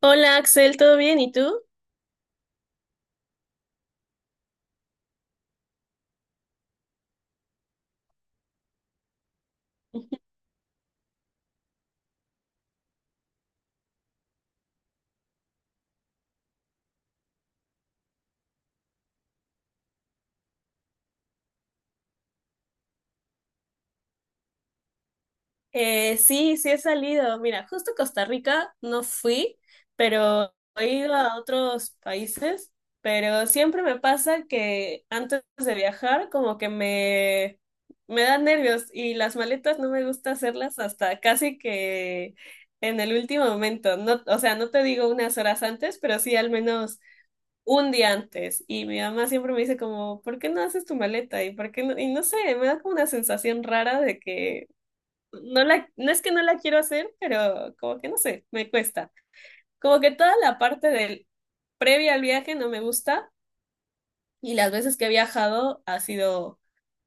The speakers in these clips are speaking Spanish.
Hola Axel, ¿todo bien? ¿Y tú? Sí, sí he salido. Mira, justo a Costa Rica no fui, pero he ido a otros países, pero siempre me pasa que antes de viajar como que me dan nervios y las maletas no me gusta hacerlas hasta casi que en el último momento. No, o sea, no te digo unas horas antes, pero sí al menos un día antes. Y mi mamá siempre me dice como, ¿por qué no haces tu maleta? Y por qué no, y no sé, me da como una sensación rara de que no es que no la quiero hacer, pero como que no sé, me cuesta. Como que toda la parte del previa al viaje no me gusta, y las veces que he viajado ha sido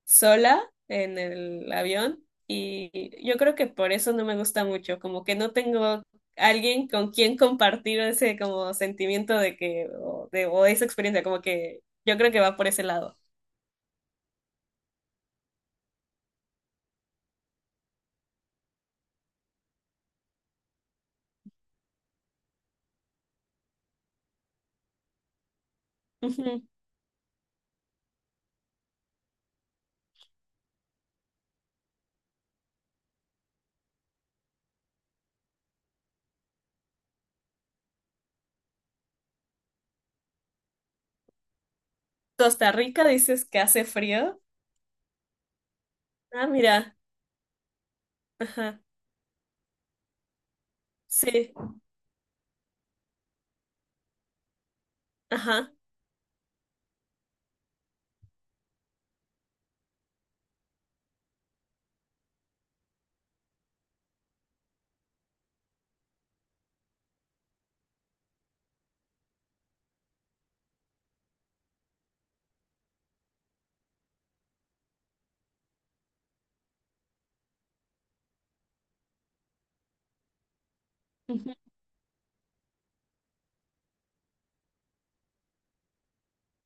sola en el avión. Y yo creo que por eso no me gusta mucho, como que no tengo alguien con quien compartir ese como sentimiento de que o, de, o esa experiencia, como que yo creo que va por ese lado. Ujú. Costa Rica, dices que hace frío. Ah, mira, ajá, sí, ajá, ujú.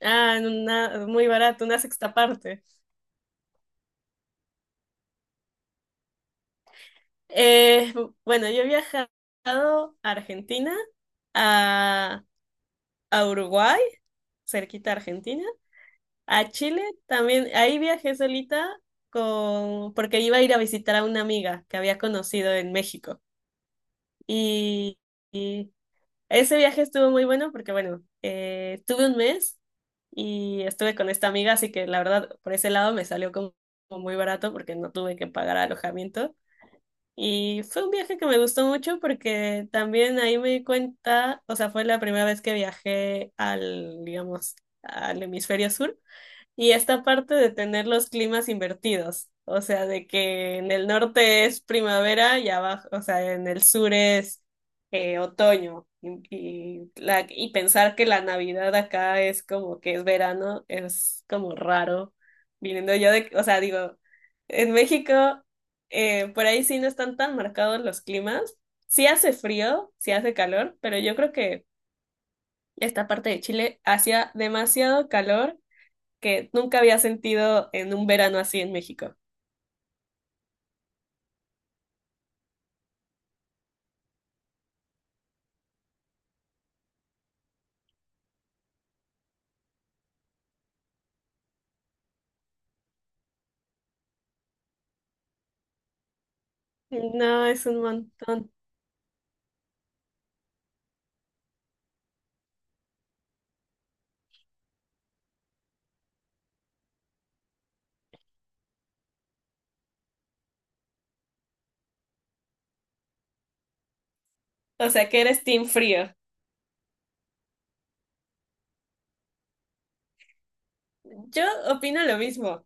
Ah, en una muy barato, una sexta parte. Eh, bueno, yo he viajado a Argentina, a, a Uruguay, cerquita a Argentina. A Chile también, ahí viajé solita con, porque iba a ir a visitar a una amiga que había conocido en México. Y, y ese viaje estuvo muy bueno porque, tuve un mes y estuve con esta amiga, así que la verdad, por ese lado me salió como muy barato porque no tuve que pagar alojamiento. Y fue un viaje que me gustó mucho porque también ahí me di cuenta, o sea, fue la primera vez que viajé al, digamos, al hemisferio sur. Y esta parte de tener los climas invertidos, o sea, de que en el norte es primavera y abajo, o sea, en el sur es otoño. Y pensar que la Navidad acá es como que es verano, es como raro. Viniendo yo de, o sea, digo, en México, por ahí sí no están tan marcados los climas. Sí hace frío, sí hace calor, pero yo creo que esta parte de Chile hacía demasiado calor que nunca había sentido en un verano así en México. No, es un montón. O sea, que eres team frío. Yo opino lo mismo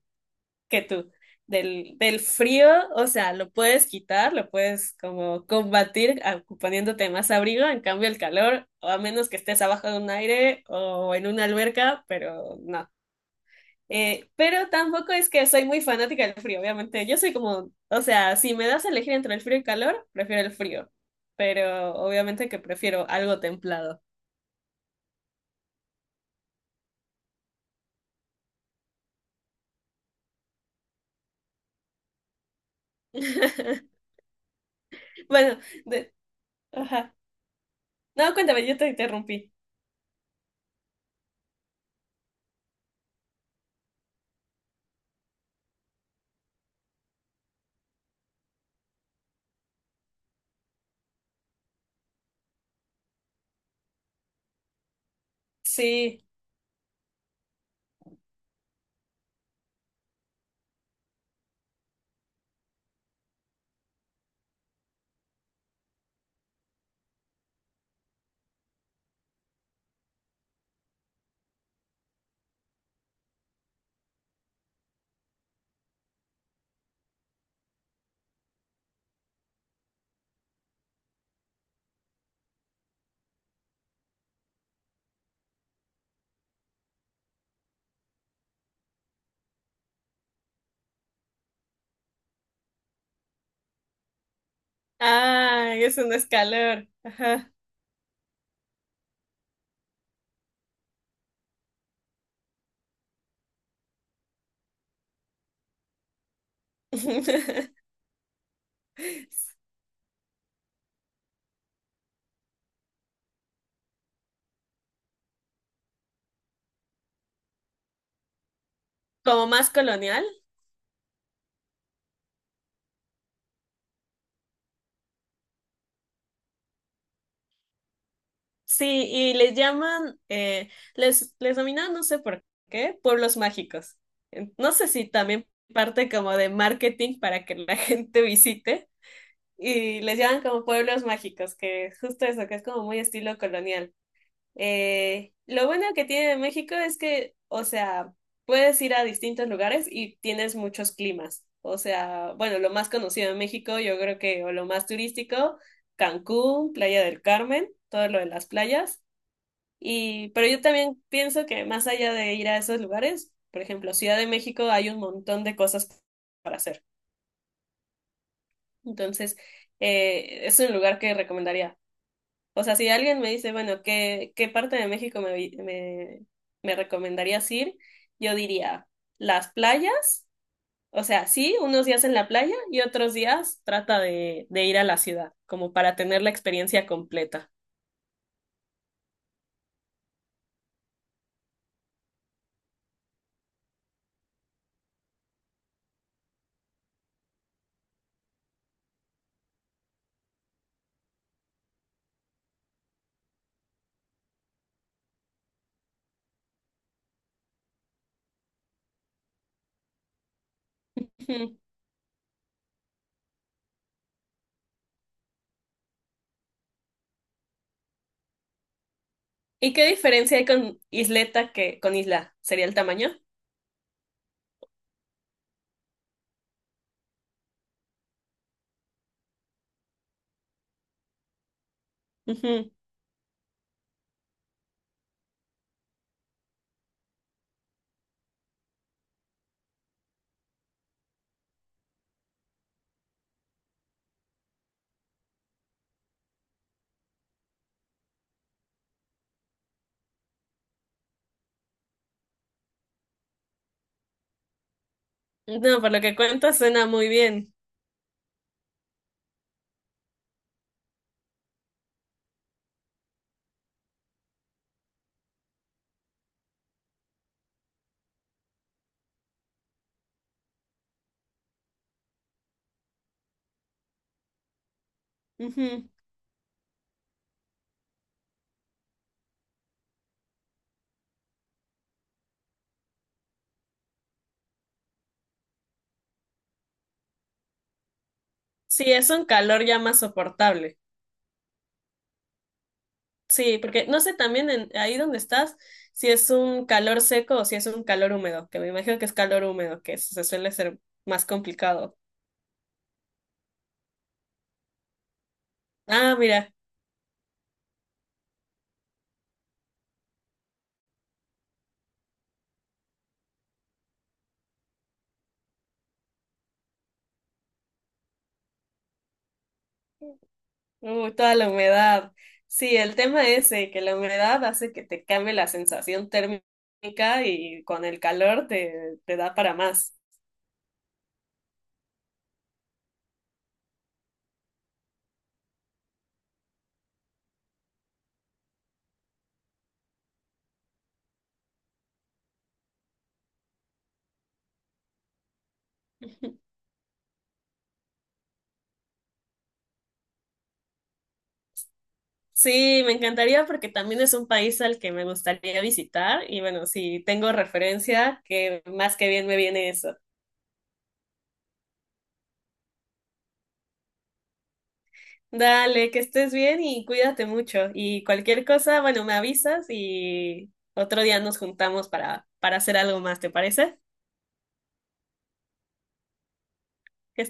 que tú. Del frío, o sea, lo puedes quitar, lo puedes como combatir a- poniéndote más abrigo, en cambio el calor, o a menos que estés abajo de un aire o en una alberca, pero no. Pero tampoco es que soy muy fanática del frío, obviamente. Yo soy como, o sea, si me das a elegir entre el frío y el calor, prefiero el frío. Pero obviamente que prefiero algo templado. Bueno, de- ajá. No, cuéntame, yo te interrumpí. Sí. Ay, eso no es calor. Ajá. Como más colonial. Sí, y les llaman, les denominan, no sé por qué, pueblos mágicos. En- No sé si también parte como de marketing para que la gente visite y les llaman como pueblos mágicos, que es justo eso, que es como muy estilo colonial. Lo bueno que tiene de México es que, o sea, puedes ir a distintos lugares y tienes muchos climas. O sea, bueno, lo más conocido de México, yo creo que, o lo más turístico, Cancún, Playa del Carmen, todo lo de las playas y, pero yo también pienso que más allá de ir a esos lugares, por ejemplo, Ciudad de México hay un montón de cosas para hacer. Entonces, es un lugar que recomendaría. O sea, si alguien me dice, bueno, ¿qué parte de México me recomendarías ir? Yo diría las playas. O sea, sí, unos días en la playa y otros días trata de ir a la ciudad, como para tener la experiencia completa. Ujú. ¿Y qué diferencia hay con isleta que con isla? ¿Sería el tamaño? Ujú. No, por lo que cuentas suena muy bien. Ujú. Sí, es un calor ya más soportable. Sí, porque no sé también en, ahí donde estás si es un calor seco o si es un calor húmedo, que me imagino que es calor húmedo, que se suele ser más complicado. Ah, mira, toda la humedad. Sí, el tema es que la humedad hace que te cambie la sensación térmica y con el calor te da para más. Sí, me encantaría porque también es un país al que me gustaría visitar y bueno, si tengo referencia, que más que bien me viene eso. Dale, que estés bien y cuídate mucho. Y cualquier cosa, bueno, me avisas y otro día nos juntamos para hacer algo más, ¿te parece? Que